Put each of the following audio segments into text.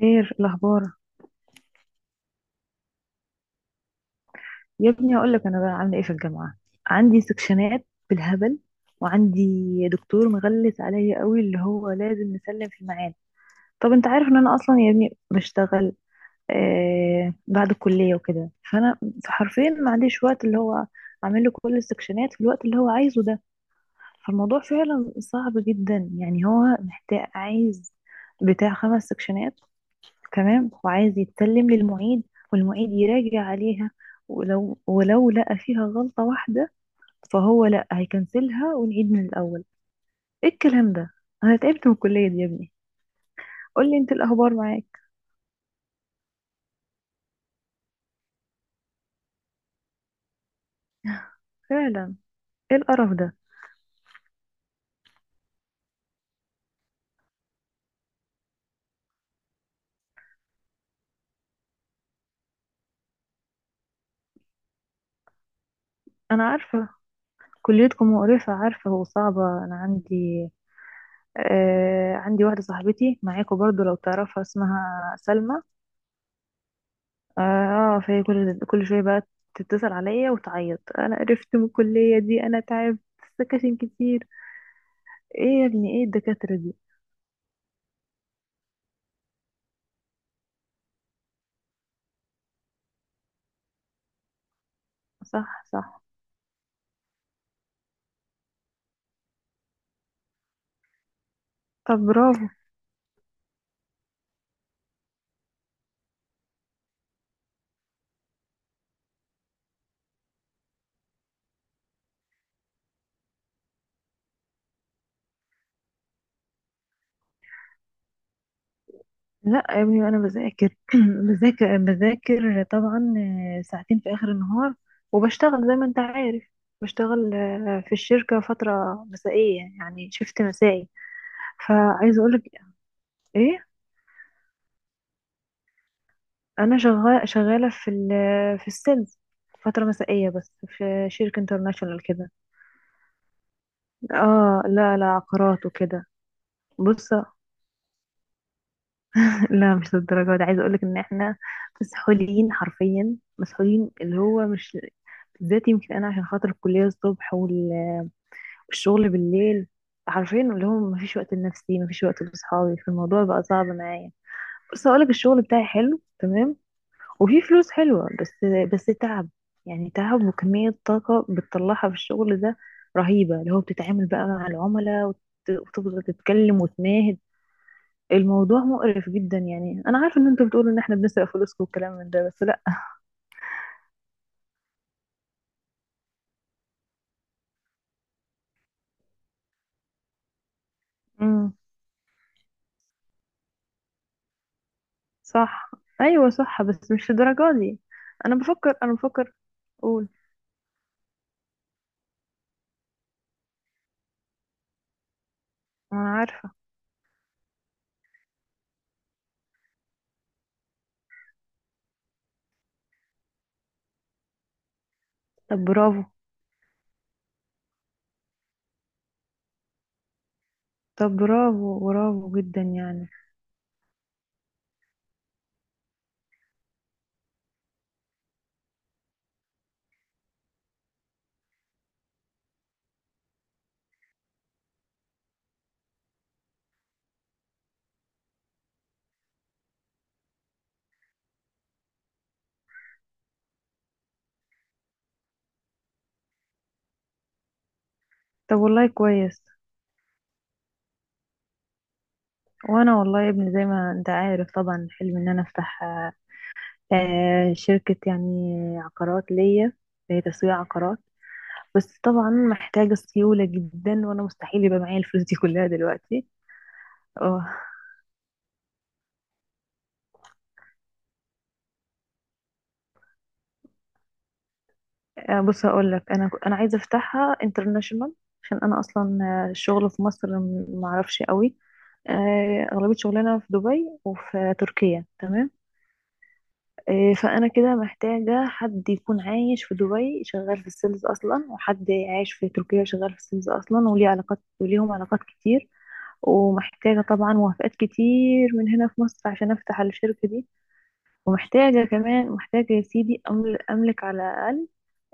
خير الأخبار. يا ابني هقول لك أنا بقى عاملة إيه في الجامعة. عندي سكشنات بالهبل، وعندي دكتور مغلس عليا قوي، اللي هو لازم نسلم في الميعاد. طب أنت عارف إن أنا أصلا يا ابني بشتغل بعد الكلية وكده، فأنا حرفيا ما عنديش وقت اللي هو أعمل له كل السكشنات في الوقت اللي هو عايزه ده. فالموضوع فعلا صعب جدا، يعني هو محتاج، عايز بتاع 5 سكشنات، تمام، وعايز يتسلم للمعيد والمعيد يراجع عليها، ولو لقى فيها غلطة واحدة فهو لا، هيكنسلها ونعيد من الأول. ايه الكلام ده؟ انا تعبت من الكلية دي يا ابني. قول لي انت الاخبار معاك. فعلا. ايه القرف ده؟ انا عارفة، كليتكم مقرفة، عارفة، وصعبة. انا عندي. آه، عندي واحدة صاحبتي معاكم برضو، لو تعرفها اسمها سلمى. اه فهي كل كل شويه بقى تتصل عليا وتعيط. انا قرفت من الكليه دي، انا تعبت. سكاشن كتير. ايه يا ابني، ايه الدكاتره دي؟ صح صح. طب برافو. لا يا ابني، انا بذاكر بذاكر طبعا. ساعتين في اخر النهار. وبشتغل زي ما انت عارف، بشتغل في الشركه فتره مسائيه، يعني شفت مسائي. فعايزه اقولك ايه. انا شغاله في السيلز فتره مسائيه، بس في شركه انترناشونال كده. اه، لا لا، عقارات وكده. بص لا مش للدرجة دي. عايزة اقولك ان احنا مسحولين، حرفيا مسحولين. اللي هو مش، بالذات يمكن انا عشان خاطر الكلية الصبح والشغل بالليل. حرفيا اللي هو مفيش وقت لنفسي، مفيش وقت لاصحابي، فالموضوع بقى صعب معايا. بص اقولك، الشغل بتاعي حلو تمام، وفي فلوس حلوة، بس بس تعب. يعني تعب، وكمية طاقة بتطلعها في الشغل ده رهيبة. اللي هو بتتعامل بقى مع العملاء، وتفضل تتكلم وتناهد. الموضوع مقرف جدا. يعني انا عارفه ان انتوا بتقولوا ان احنا بنسرق فلوسكم والكلام من ده، بس لا. امم. صح، ايوه صح، بس مش الدرجه دي. انا بفكر. قول. انا عارفه. طب برافو. طب برافو، برافو جدا يعني. طب والله كويس. وانا والله يا ابني، زي ما انت عارف طبعا، حلمي ان انا افتح شركه يعني، عقارات ليا، هي تسويق عقارات. بس طبعا محتاجه سيوله جدا، وانا مستحيل يبقى معايا الفلوس دي كلها دلوقتي. اه، بص هقول لك. انا عايزه افتحها انترناشونال. عشان انا اصلا الشغل في مصر معرفش قوي. اغلبيه شغلنا في دبي وفي تركيا، تمام. فانا كده محتاجه حد يكون عايش في دبي، شغال في السيلز اصلا، وحد عايش في تركيا شغال في السيلز اصلا، وليه علاقات وليهم علاقات كتير. ومحتاجه طبعا موافقات كتير من هنا في مصر عشان افتح الشركه دي. ومحتاجه كمان يا سيدي، املك على الاقل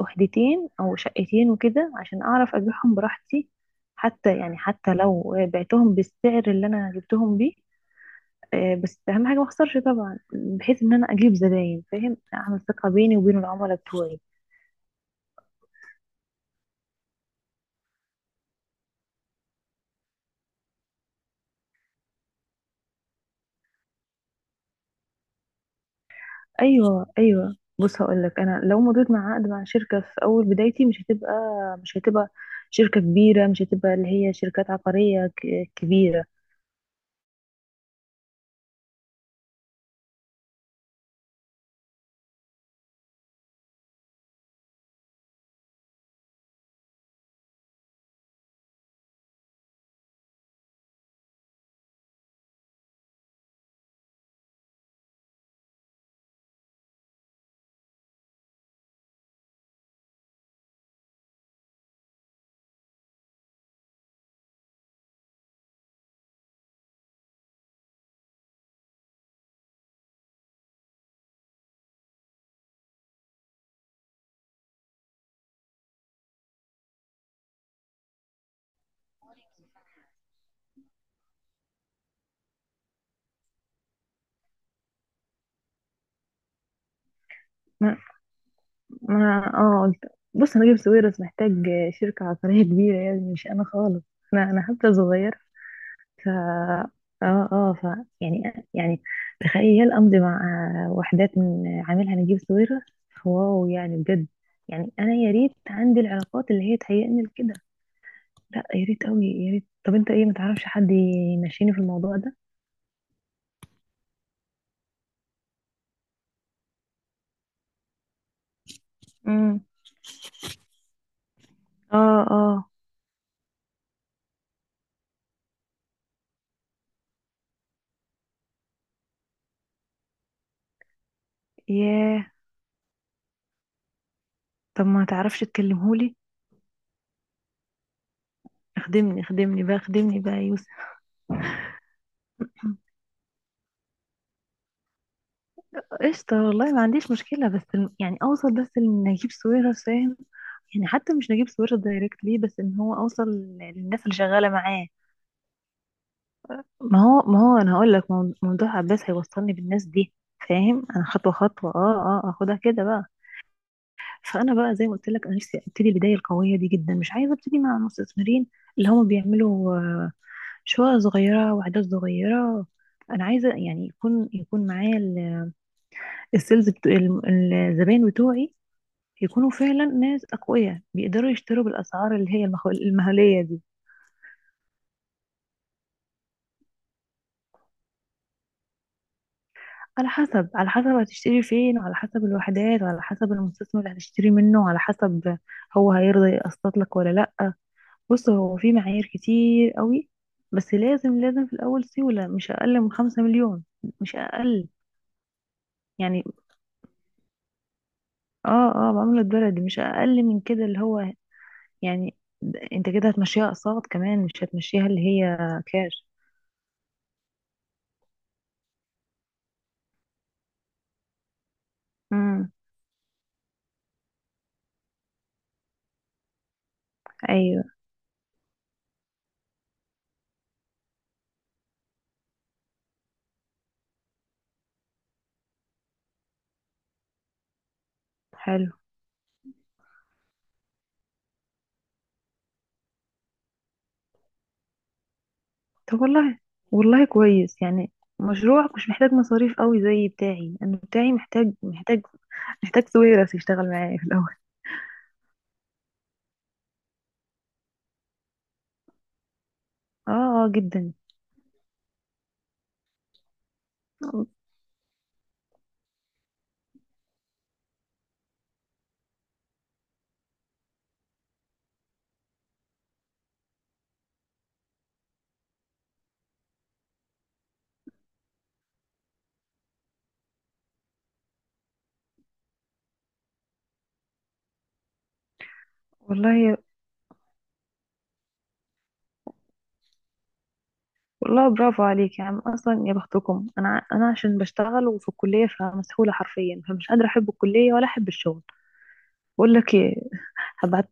وحدتين او شقتين وكده، عشان اعرف ابيعهم براحتي. حتى يعني حتى لو بعتهم بالسعر اللي انا جبتهم بيه، بس اهم حاجه ما اخسرش طبعا. بحيث ان انا اجيب زباين، فاهم، اعمل ثقه بيني وبين العملاء بتوعي. ايوه ايوه، بص هقول لك، انا لو مضيت مع عقد مع شركه في اول بدايتي، مش هتبقى شركه كبيره، مش هتبقى اللي هي شركات عقاريه كبيره. ما قلت. بص انا جيب سويرس، محتاج شركة عقارية كبيرة يعني، مش انا خالص. انا حتى صغير. ف اه اه ف يعني يعني تخيل امضي مع وحدات من عاملها نجيب سويرس. واو، يعني بجد. يعني انا يا ريت عندي العلاقات اللي هي تهيئني لكده. لا يا ريت قوي، يا ريت. طب انت ايه، ما تعرفش حد يمشيني في الموضوع ده؟ امم، اه اه، ياه. طب ما تعرفش تكلمهولي؟ اخدمني اخدمني بقى، اخدمني بقى يا يوسف. قشطة، والله ما عنديش مشكلة. بس يعني أوصل بس لنجيب ساويرس، فاهم؟ يعني حتى مش نجيب ساويرس دايركتلي، بس إن هو أوصل للناس اللي شغالة معاه. ما هو أنا هقول لك، موضوع عباس هيوصلني بالناس دي، فاهم؟ أنا خطوة خطوة أه أه أخدها كده بقى. فأنا بقى زي ما قلت لك، أنا نفسي أبتدي البداية القوية دي جدا، مش عايزة أبتدي مع مستثمرين اللي هم بيعملوا شقق صغيرة وأعداد صغيرة. أنا عايزة يعني يكون معايا السيلز الزباين بتوعي، يكونوا فعلا ناس أقوياء بيقدروا يشتروا بالأسعار اللي هي المهولية دي. على حسب، هتشتري فين، وعلى حسب الوحدات، وعلى حسب المستثمر اللي هتشتري منه، وعلى حسب هو هيرضى يقسط لك ولا لأ. بص، هو في معايير كتير قوي، بس لازم لازم في الأول سيولة مش أقل من 5 مليون. مش أقل. يعني، اه اه، بعملة بلدي مش أقل من كده. اللي هو يعني انت كده هتمشيها أقساط كمان، مش هتمشيها اللي هي كاش. امم، ايوه، حلو. طب والله، والله كويس يعني. مشروعك مش محتاج مصاريف قوي زي بتاعي، انا بتاعي محتاج سويرس يشتغل معايا في الاول اه اه، جدا. والله والله برافو عليك يا عم اصلا، يا بختكم. انا انا عشان بشتغل وفي الكليه، فمسحوله حرفيا، فمش قادره احب الكليه ولا احب الشغل. بقول لك ايه هبعت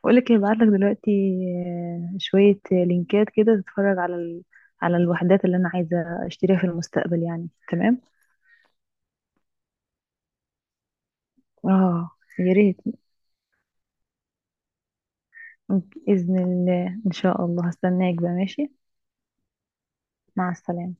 بقول لك ايه، هبعت لك دلوقتي شويه لينكات كده تتفرج على على الوحدات اللي انا عايزه اشتريها في المستقبل يعني، تمام. اه، يا ريت. بإذن الله إن شاء الله. هستناك بقى، ماشي، مع السلامة.